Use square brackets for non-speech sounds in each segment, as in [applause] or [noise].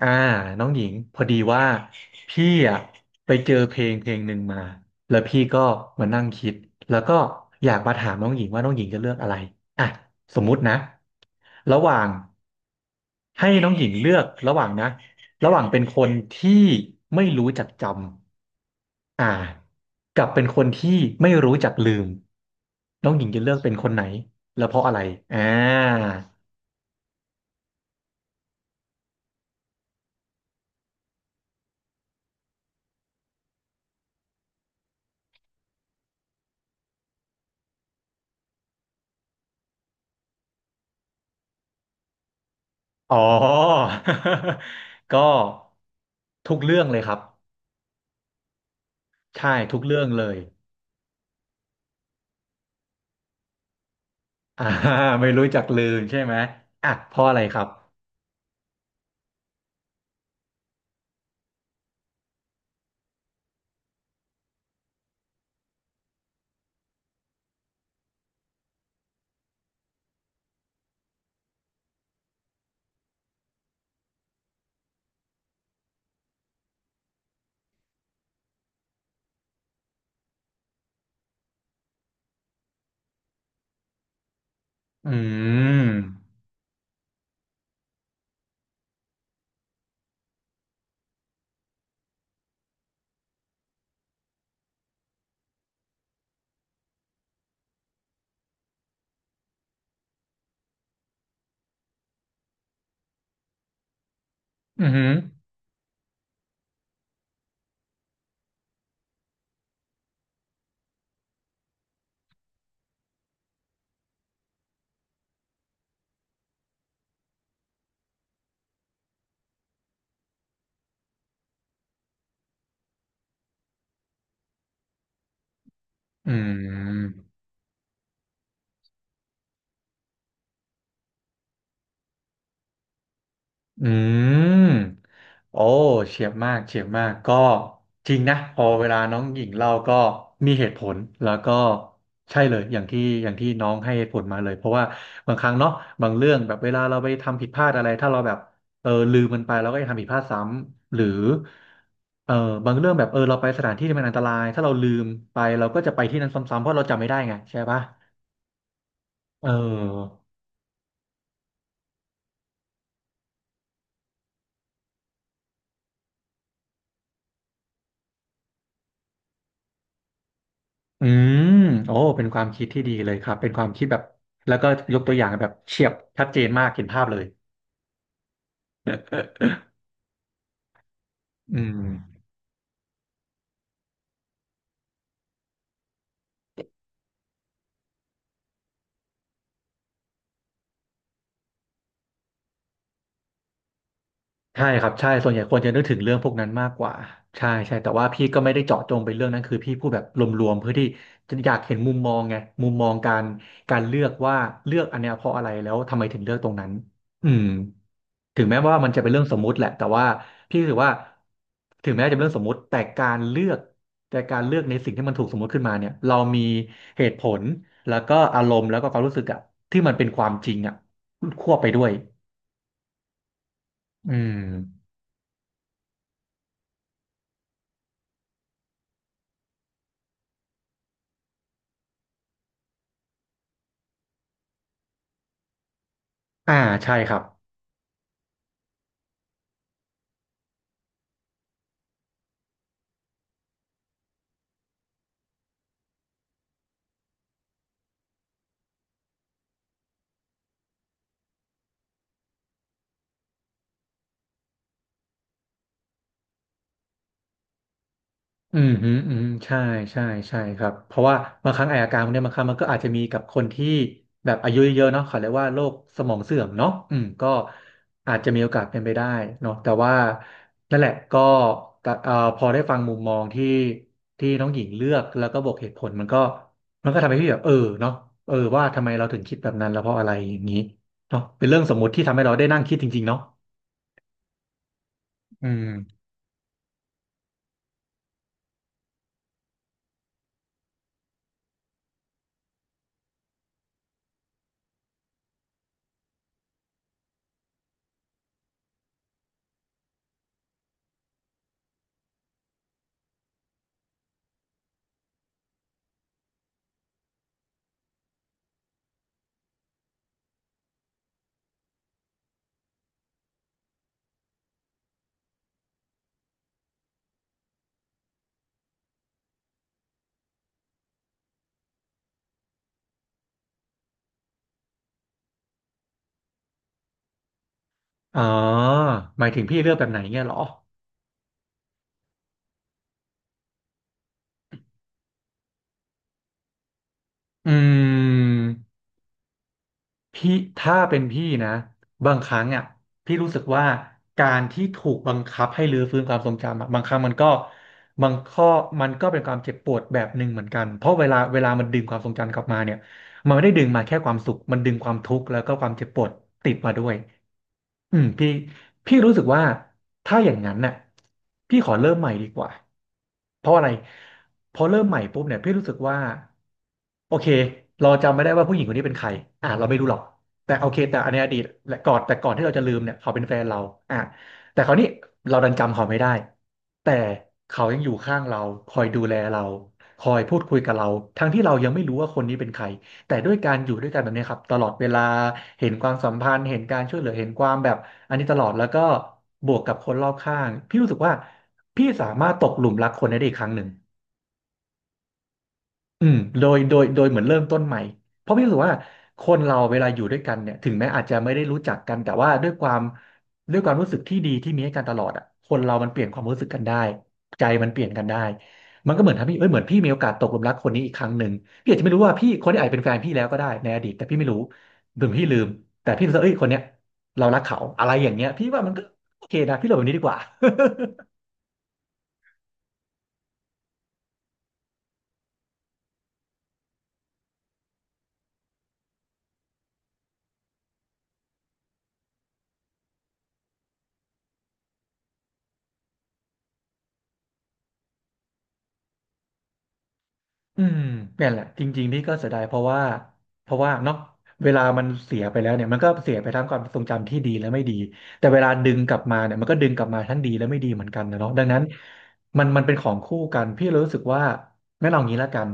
อ่าน้องหญิงพอดีว่าพี่อ่ะไปเจอเพลงหนึ่งมาแล้วพี่ก็มานั่งคิดแล้วก็อยากมาถามน้องหญิงว่าน้องหญิงจะเลือกอะไรอ่ะสมมุตินะระหว่างให้น้องหญิงเลือกระหว่างนะระหว่างเป็นคนที่ไม่รู้จักจำกับเป็นคนที่ไม่รู้จักลืมน้องหญิงจะเลือกเป็นคนไหนแล้วเพราะอะไรอ่า อ๋อ [laughs] ก็ทุกเรื่องเลยครับใช่ทุกเรื่องเลย [laughs] อ่าไม่รู้จักลืมใช่ไหมอ่ะเพราะอะไรครับอืมอืมอหืออืมอืม โอ้เฉียบมากเฉียบมากก็จริงนะพอเวลาน้องหญิงเล่าก็มีเหตุผลแล้วก็ใช่เลยอย่างที่น้องให้เหตุผลมาเลยเพราะว่าบางครั้งเนาะบางเรื่องแบบเวลาเราไปทำผิดพลาดอะไรถ้าเราแบบเออลืมมันไปเราก็จะทำผิดพลาดซ้ำหรือเออบางเรื่องแบบเออเราไปสถานที่ที่มันอันตรายถ้าเราลืมไปเราก็จะไปที่นั้นซ้ำๆเพราะเราจำไม่ได้ไงใช่ปะเออ อืมโอ้เป็นความคิดที่ดีเลยครับเป็นความคิดแบบแล้วก็ยกตัวอย่างแบบเฉียบชัดเจนมากเห็นภาพเลย [coughs] อืมใช่ครับใช่ส่วนใหญ่คนจะนึกถึงเรื่องพวกนั้นมากกว่าใช่แต่ว่าพี่ก็ไม่ได้เจาะจงไปเรื่องนั้นคือพี่พูดแบบรวมๆเพื่อที่จะอยากเห็นมุมมองไงมุมมองการเลือกว่าเลือกอันเนี้ยเพราะอะไรแล้วทำไมถึงเลือกตรงนั้นอืม ถึงแม้ว่ามันจะเป็นเรื่องสมมุติแหละแต่ว่าพี่รู้สึกว่าถึงแม้จะเป็นเรื่องสมมุติแต่การเลือกในสิ่งที่มันถูกสมมุติขึ้นมาเนี่ยเรามีเหตุผลแล้วก็อารมณ์แล้วก็ความรู้สึกอะที่มันเป็นความจริงอะควบไปด้วยอืมอ่าใช่ครับ อืมฮึอืมใช่ใช่ครับเพราะว่าบางครั้งไออาการพวกเนี้ยบางครั้งมันก็อาจจะมีกับคนที่แบบอายุเยอะๆเนาะเขาเรียกว่าโรคสมองเสื่อมเนาะอืมก็อาจจะมีโอกาสเป็นไปได้เนาะแต่ว่านั่นแหละก็แต่พอได้ฟังมุมมองที่น้องหญิงเลือกแล้วก็บอกเหตุผลมันก็ทำให้พี่แบบเออเนาะเออว่าทำไมเราถึงคิดแบบนั้นแล้วเพราะอะไรอย่างนี้เนาะเป็นเรื่องสมมุติที่ทำให้เราได้นั่งคิดจริงๆเนาะอืมอ๋อหมายถึงพี่เลือกแบบไหนเงี้ยเหรออืม พี่ถ้าเป็นพี่นะบางครั้งอ่ะพี่รู้สึกว่าการที่ถูกบังคับให้รื้อฟื้นความทรงจำอะบางครั้งมันก็บางข้อมันก็เป็นความเจ็บปวดแบบหนึ่งเหมือนกันเพราะเวลามันดึงความทรงจำกลับมาเนี่ยมันไม่ได้ดึงมาแค่ความสุขมันดึงความทุกข์แล้วก็ความเจ็บปวดติดมาด้วยอืมพี่ พี่รู้สึกว่าถ้าอย่างนั้นน่ะพี่ขอเริ่มใหม่ดีกว่าเพราะอะไรพอเริ่มใหม่ปุ๊บเนี่ยพี่รู้สึกว่าโอเคเราจำไม่ได้ว่าผู้หญิงคนนี้เป็นใครอ่ะเราไม่รู้หรอกแต่โอเคแต่อันในอดีตและก่อนก่อนที่เราจะลืมเนี่ยเขาเป็นแฟนเราอ่ะแต่คราวนี้เราดันจำเขาไม่ได้แต่เขายังอยู่ข้างเราคอยดูแลเราคอยพูดคุยกับเราทั้งที่เรายังไม่รู้ว่าคนนี้เป็นใคร แต่ด้วยการอยู่ด้วยกันแบบนี้ครับตลอดเวลาเห็นความสัมพันธ์เห็นการช่วยเหลือเห็นความแบบอันนี้ตลอดแล้วก็บวกกับคนรอบข้างพี่รู้สึกว่าพี่สามารถตกหลุมรักคนได้อีกครั้งหนึ่ง อืมโดยเหมือนเริ่มต้นใหม่เพราะพี่รู้สึกว่าคนเราเวลาอยู่ด้วยกันเนี่ยถึงแม้อาจจะไม่ได้รู้จักกันแต่ว่าด้วยความรู้สึกที่ดีที่มีให้กันตลอดอ่ะคนเรามันเปลี่ยนความรู้สึกกันได้ใจมันเปลี่ยนกันได้มันก็เหมือนทำให้เอ้ยเหมือนพี่มีโอกาสตกหลุมรักคนนี้อีกครั้งหนึ่งพี่อาจจะไม่รู้ว่าพี่คนนี้อาจเป็นแฟนพี่แล้วก็ได้ในอดีตแต่พี่ไม่รู้หรือพี่ลืมแต่พี่รู้สึกว่าเอ้ยคนเนี้ยเรารักเขาอะไรอย่างเงี้ยพี่ว่ามันก็โอเคนะพี่เราแบบนี้ดีกว่า อืมเนี่ยแหละจริงๆนี่ก็เสียดายเพราะว่าเนาะเวลามันเสียไปแล้วเนี่ยมันก็เสียไปทั้งความทรงจำที่ดีและไม่ดีแต่เวลาดึงกลับมาเนี่ยมันก็ดึงกลับมาทั้งดีและไม่ดีเหมือนกันนะเนาะดังนั้นมันเป็นของคู่กันพี่เลยรู้สึกว่างั้นเอางี้ละกัน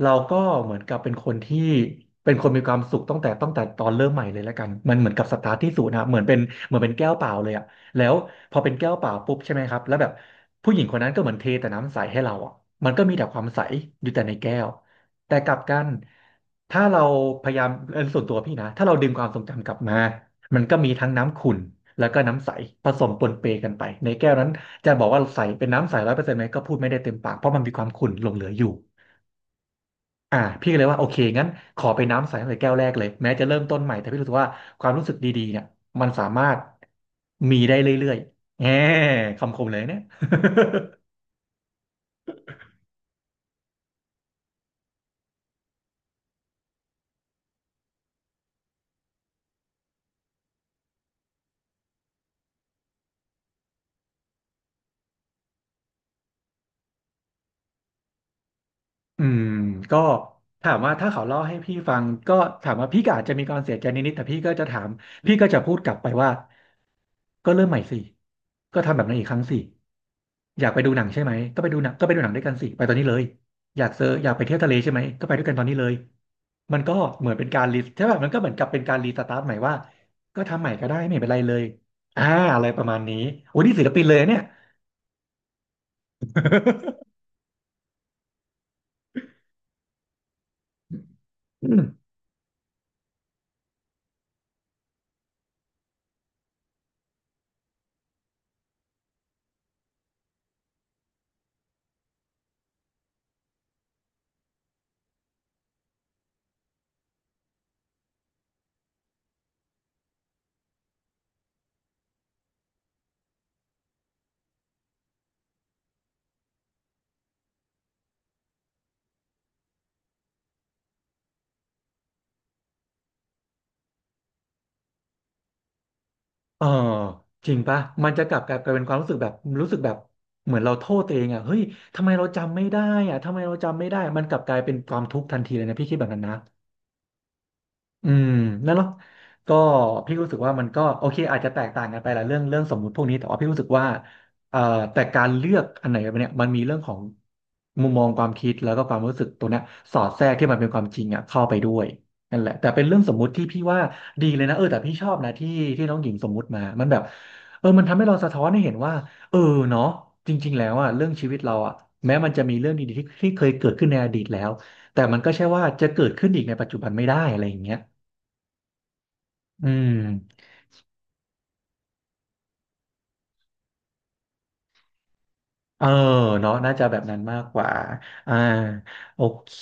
เราก็เหมือนกับเป็นคนที่เป็นคนมีความสุขตั้งแต่ตอนเริ่มใหม่เลยละกันมันเหมือนกับสตาร์ทที่ศูนย์นะเหมือนเป็นเหมือนเป็นแก้วเปล่าเลยอะ แล้วพอเป็นแก้วเปล่าปุ๊บใช่ไหมครับแล้วแบบผู้หญิงคนนั้นก็เหมือนเทแต่น้ำใสให้เราอ่ะมันก็มีแต่ความใสอยู่แต่ในแก้วแต่กลับกันถ้าเราพยายามส่วนตัวพี่นะถ้าเราดึงความทรงจำกลับมามันก็มีทั้งน้ำขุ่นแล้วก็น้ำใสผสมปนเปกันไปในแก้วนั้นจะบอกว่าใสเป็นน้ำใสร้อยเปอร์เซ็นต์ไหมก็พูดไม่ได้เต็มปากเพราะมันมีความขุ่นหลงเหลืออยู่ อ่าพี่ก็เลยว่าโอเคงั้นขอไปน้ำใสตั้งแต่แก้วแรกเลยแม้จะเริ่มต้นใหม่แต่พี่รู้สึกว่าความรู้สึกดีๆเนี่ยมันสามารถมีได้เรื่อยๆแหมคำคมเลยเนี่ย อืมก็ถามว่าถ้าเขาเล่าให้พี่ฟังก็ถามว่าพี่ก็อาจจะมีความเสียใจนิดๆแต่พี่ก็จะถามพี่ก็จะพูดกลับไปว่าก็เริ่มใหม่สิก็ทำแบบนั้นอีกครั้งสิอยากไปดูหนังใช่ไหมก็ไปดูหนังก็ไปดูหนังด้วยกันสิไปตอนนี้เลยอยากไปเที่ยวทะเลใช่ไหมก็ไปด้วยกันตอนนี้เลยมันก็เหมือนเป็นการรีใช่ป่ะมันก็เหมือนกับเป็นการรีสตาร์ทใหม่ว่าก็ทำใหม่ก็ได้ไม่เป็นไรเลยอ่าอะไรประมาณนี้โอ้นี่ศิลปินเลยเนี่ย [laughs] เออจริงปะมันจะกลับกลายเป็นความรู้สึกแบบรู้สึกแบบเหมือนเราโทษตัวเองอ่ะเฮ้ยทำไมเราจำไม่ได้อ่ะทำไมเราจำไม่ได้มันกลับกลายเป็นความทุกข์ทันทีเลยนะพี่คิดแบบนั้นนะ อืมนั่นเนาะก็พี่รู้สึกว่ามันก็โอเคอาจจะแตกต่างกันไปละเรื่องสมมุติพวกนี้แต่ว่าพี่รู้สึกว่าเอ่อแต่การเลือกอันไหนเนี่ยมันมีเรื่องของมุมมองความคิดแล้วก็ความรู้สึกตัวเนี้ยสอดแทรกที่มันเป็นความจริงอ่ะเข้าไปด้วยนั่นแหละแต่เป็นเรื่องสมมุติที่พี่ว่าดีเลยนะเออแต่พี่ชอบนะที่น้องหญิงสมมุติมามันแบบเออมันทำให้เราสะท้อนให้เห็นว่าเออเนาะจริงๆแล้วอ่ะเรื่องชีวิตเราอ่ะแม้มันจะมีเรื่องดีๆที่เคยเกิดขึ้นในอดีตแล้วแต่มันก็ใช่ว่าจะเกิดขึ้นอีกในปัจจุบันไม่ได้อะไรอย่างเงี้ย อืมเออเนาะน่าจะแบบนั้นมากกว่าอ่าโอเค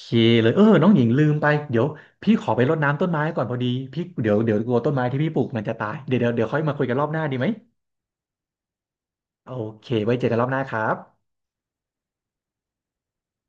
เลยเออน้องหญิงลืมไปเดี๋ยวพี่ขอไปรดน้ำต้นไม้ก่อนพอดีพี่เดี๋ยวกลัวต้นไม้ที่พี่ปลูกมันจะตายเดี๋ยวค่อยมาคุยกันรอบหน้าดีไหมโอเคไว้เจอกันรอบหน้าครับ